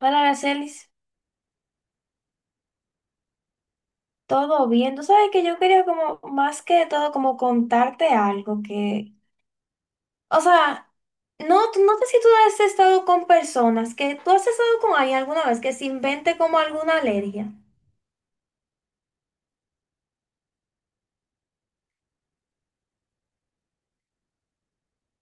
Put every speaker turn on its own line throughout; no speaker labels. Hola, Aracelis, todo bien. Tú sabes que yo quería como, más que todo, como contarte algo que, o sea, no, no sé si tú has estado con personas, que tú has estado con alguien alguna vez que se invente como alguna alergia.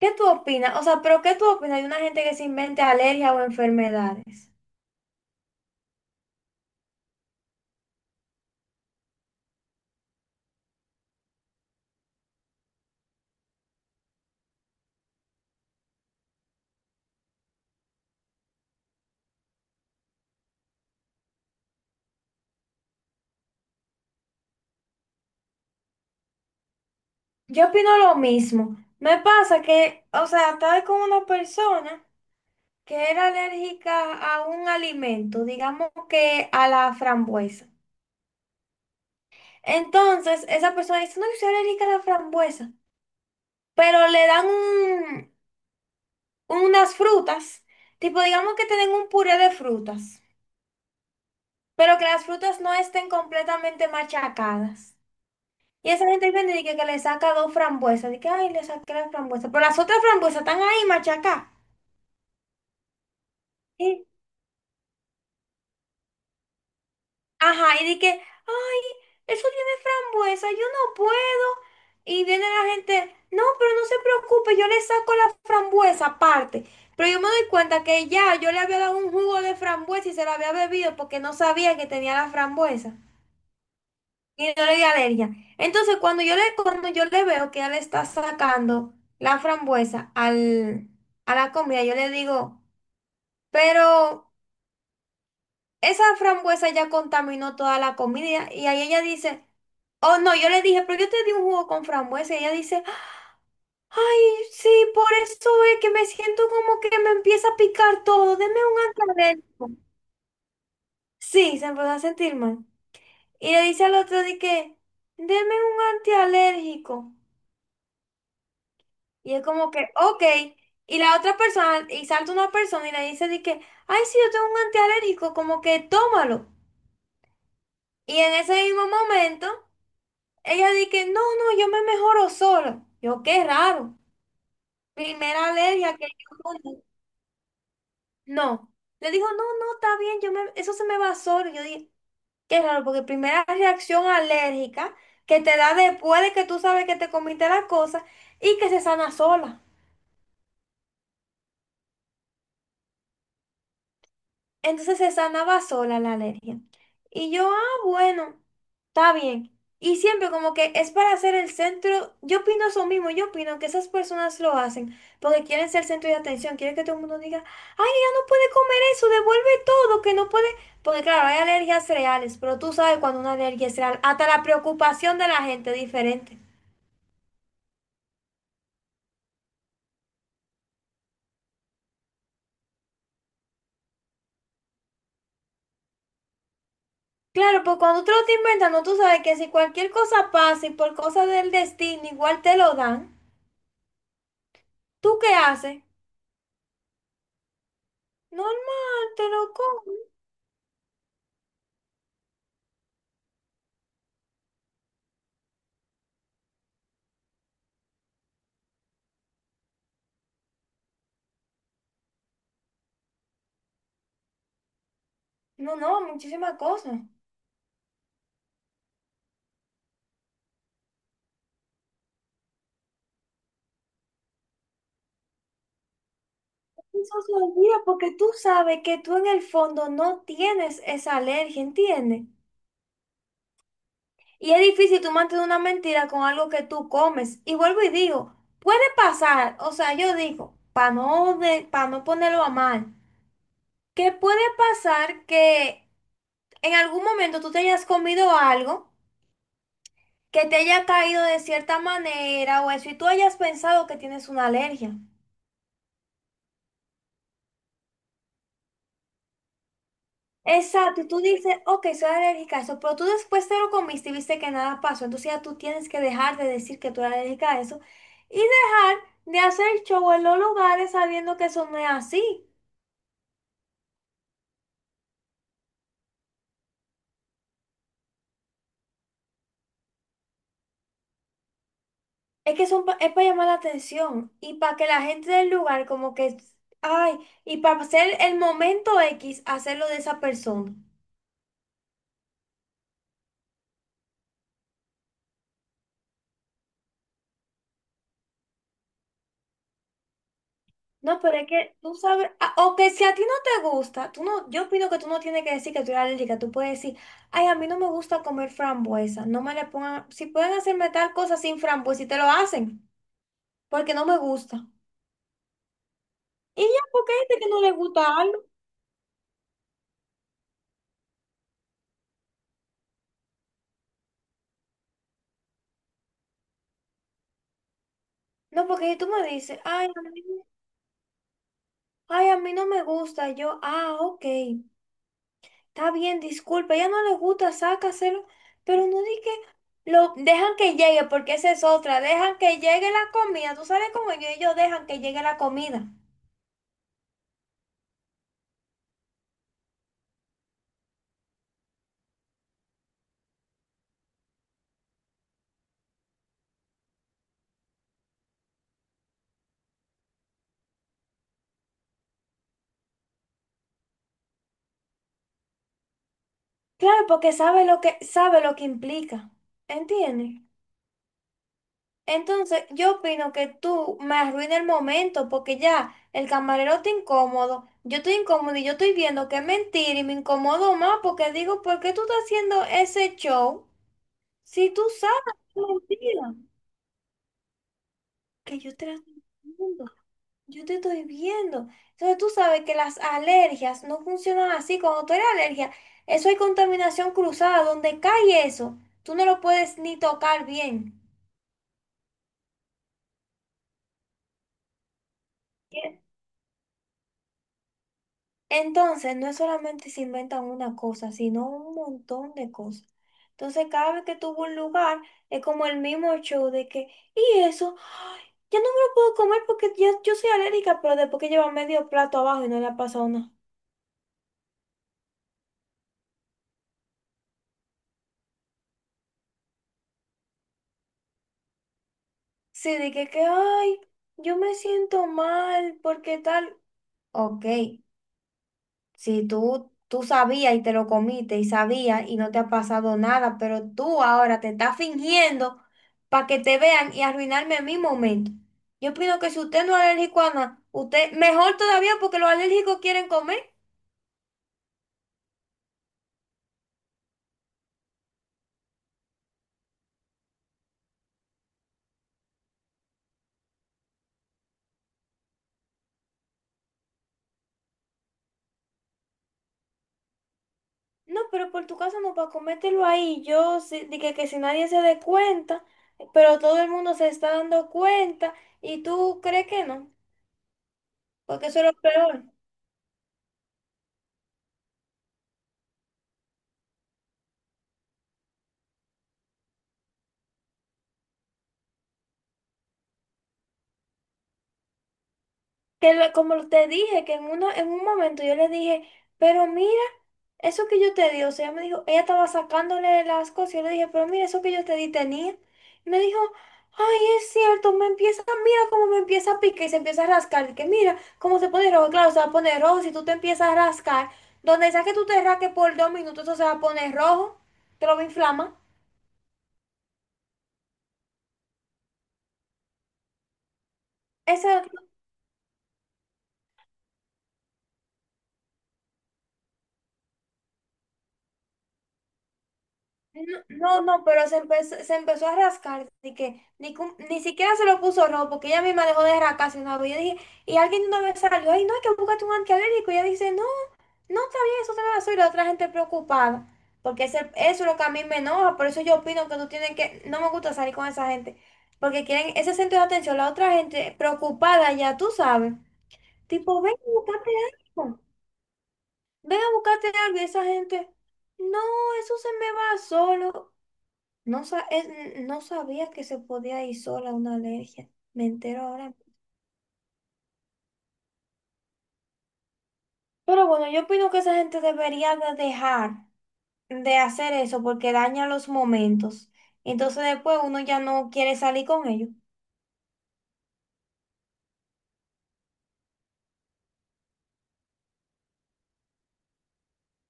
¿Qué tú opinas? O sea, pero ¿qué tú opinas de una gente que se invente alergia o enfermedades? Yo opino lo mismo. Me pasa que, o sea, estaba con una persona que era alérgica a un alimento, digamos que a la frambuesa. Entonces, esa persona dice, no, yo soy alérgica a la frambuesa, pero le dan unas frutas, tipo, digamos que tienen un puré de frutas, pero que las frutas no estén completamente machacadas. Y esa gente viene y dice que, le saca dos frambuesas, dice que, ay, le saqué la frambuesa, pero las otras frambuesas están ahí machacadas. Ajá, y dije, ay, eso tiene frambuesa, yo no puedo. Y viene la gente, no, pero no se preocupe, yo le saco la frambuesa aparte. Pero yo me doy cuenta que ya yo le había dado un jugo de frambuesa y se lo había bebido porque no sabía que tenía la frambuesa. Y no le di alergia. Entonces, cuando yo le veo que ella le está sacando la a la comida, yo le digo, pero. Esa frambuesa ya contaminó toda la comida y ahí ella dice, oh no, yo le dije, pero yo te di un jugo con frambuesa y ella dice, ay, sí, por eso es que me siento como que me empieza a picar todo, deme un antialérgico. Sí, se empezó a sentir mal. Y le dice al otro de que, deme un antialérgico. Y es como que, ok. Y la otra persona, y salta una persona y le dice de que, ay, sí, yo tengo un antialérgico, como que tómalo. Y en ese mismo momento... Ella dice que no, no, yo me mejoro sola. Yo, qué raro. Primera alergia que yo no. Le dijo, no, no, está bien, yo me, eso se me va solo. Yo dije, qué raro, porque primera reacción alérgica que te da después de que tú sabes que te comiste la cosa y que se sana sola. Entonces se sanaba sola la alergia. Y yo, ah, bueno, está bien. Y siempre como que es para ser el centro, yo opino eso mismo, yo opino que esas personas lo hacen porque quieren ser centro de atención, quieren que todo el mundo diga, ay, ella no puede comer eso, devuelve todo, que no puede, porque claro, hay alergias reales, pero tú sabes cuando una alergia es real, hasta la preocupación de la gente es diferente. Claro, pues cuando tú lo estás inventando, tú sabes que si cualquier cosa pasa y por cosa del destino igual te lo dan, ¿tú qué haces? Normal, te lo como. No, no, muchísimas cosas. Eso se olvida porque tú sabes que tú en el fondo no tienes esa alergia, ¿entiendes? Y es difícil tú mantener una mentira con algo que tú comes. Y vuelvo y digo, puede pasar, o sea, yo digo, para no, de, pa no ponerlo a mal, que puede pasar que en algún momento tú te hayas comido algo que te haya caído de cierta manera o eso, y tú hayas pensado que tienes una alergia. Exacto, y tú dices, ok, soy alérgica a eso, pero tú después te lo comiste y viste que nada pasó, entonces ya tú tienes que dejar de decir que tú eres alérgica a eso y dejar de hacer show en los lugares sabiendo que eso no es así. Es que es para llamar la atención y para que la gente del lugar como que, ay, y para hacer el momento X, hacerlo de esa persona. No, pero es que tú sabes, ah, o que si a ti no te gusta, tú no, yo opino que tú no tienes que decir que tú eres alérgica, tú puedes decir, ay, a mí no me gusta comer frambuesa, no me le pongan, si pueden hacerme tal cosa sin frambuesa y te lo hacen, porque no me gusta. Y ya, porque hay gente que no le gusta algo. No, porque si tú me dices, ay, a mí no me gusta, yo, ah, ok. Está bien, disculpa, ya no le gusta, sácaselo, pero no di que lo dejan que llegue, porque esa es otra, dejan que llegue la comida, tú sabes cómo yo, ellos dejan que llegue la comida. Claro, porque sabe lo que implica, ¿entiendes? Entonces, yo opino que tú me arruinas el momento, porque ya el camarero está incómodo, yo estoy incómodo y yo estoy viendo que es mentira y me incomodo más porque digo, ¿por qué tú estás haciendo ese show si tú sabes que es mentira? Que yo te la estoy diciendo. Yo te estoy viendo. Entonces tú sabes que las alergias no funcionan así. Cuando tú eres alergia, eso hay contaminación cruzada. Donde cae eso, tú no lo puedes ni tocar bien. Bien. Entonces, no es solamente se inventan una cosa, sino un montón de cosas. Entonces, cada vez que tuvo un lugar, es como el mismo show de que, y eso, ay, ya no me lo puedo comer porque ya, yo soy alérgica, pero después que lleva medio plato abajo y no le ha pasado nada. Sí, dije que, ay, yo me siento mal, porque tal. Ok, si tú, tú sabías y te lo comiste y sabías y no te ha pasado nada, pero tú ahora te estás fingiendo para que te vean y arruinarme mi momento. Yo opino que si usted no es alérgico a nada, usted, mejor todavía porque los alérgicos quieren comer. No, pero por tu casa no, para comértelo ahí. Yo sí, dije que si nadie se dé cuenta, pero todo el mundo se está dando cuenta y tú crees que no. Porque eso es lo peor. Que como te dije, en un momento yo le dije, pero mira, eso que yo te di, o sea, ella me dijo, ella estaba sacándole las cosas, yo le dije, pero mira, eso que yo te di tenía. Y me dijo, ay, es cierto, me empieza, mira cómo me empieza a picar y se empieza a rascar. Y que mira cómo se pone rojo, claro, se va a poner rojo, si tú te empiezas a rascar, donde sea que tú te rasques por 2 minutos, eso se va a poner rojo, te lo va a inflamar. Eso, no, no, pero se empezó a rascar, así que ni, ni siquiera se lo puso rojo, porque ella misma dejó de rascarse una vez. Yo dije, y alguien de una vez salió, ay, no, hay que buscarte un antialérgico. Y ella dice, no, no, está bien, eso te lo hacer. Y la otra gente preocupada, porque eso es lo que a mí me enoja, por eso yo opino que tú tienes que, no me gusta salir con esa gente, porque quieren ese centro de atención, la otra gente preocupada ya, tú sabes. Tipo, ven a buscarte algo, ven a buscarte algo, y esa gente, no, eso se me va solo. No, no sabía que se podía ir sola a una alergia. Me entero ahora. Pero bueno, yo opino que esa gente debería de dejar de hacer eso porque daña los momentos. Entonces después uno ya no quiere salir con ellos.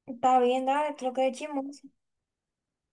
Está bien, dale, creo que es chismoso.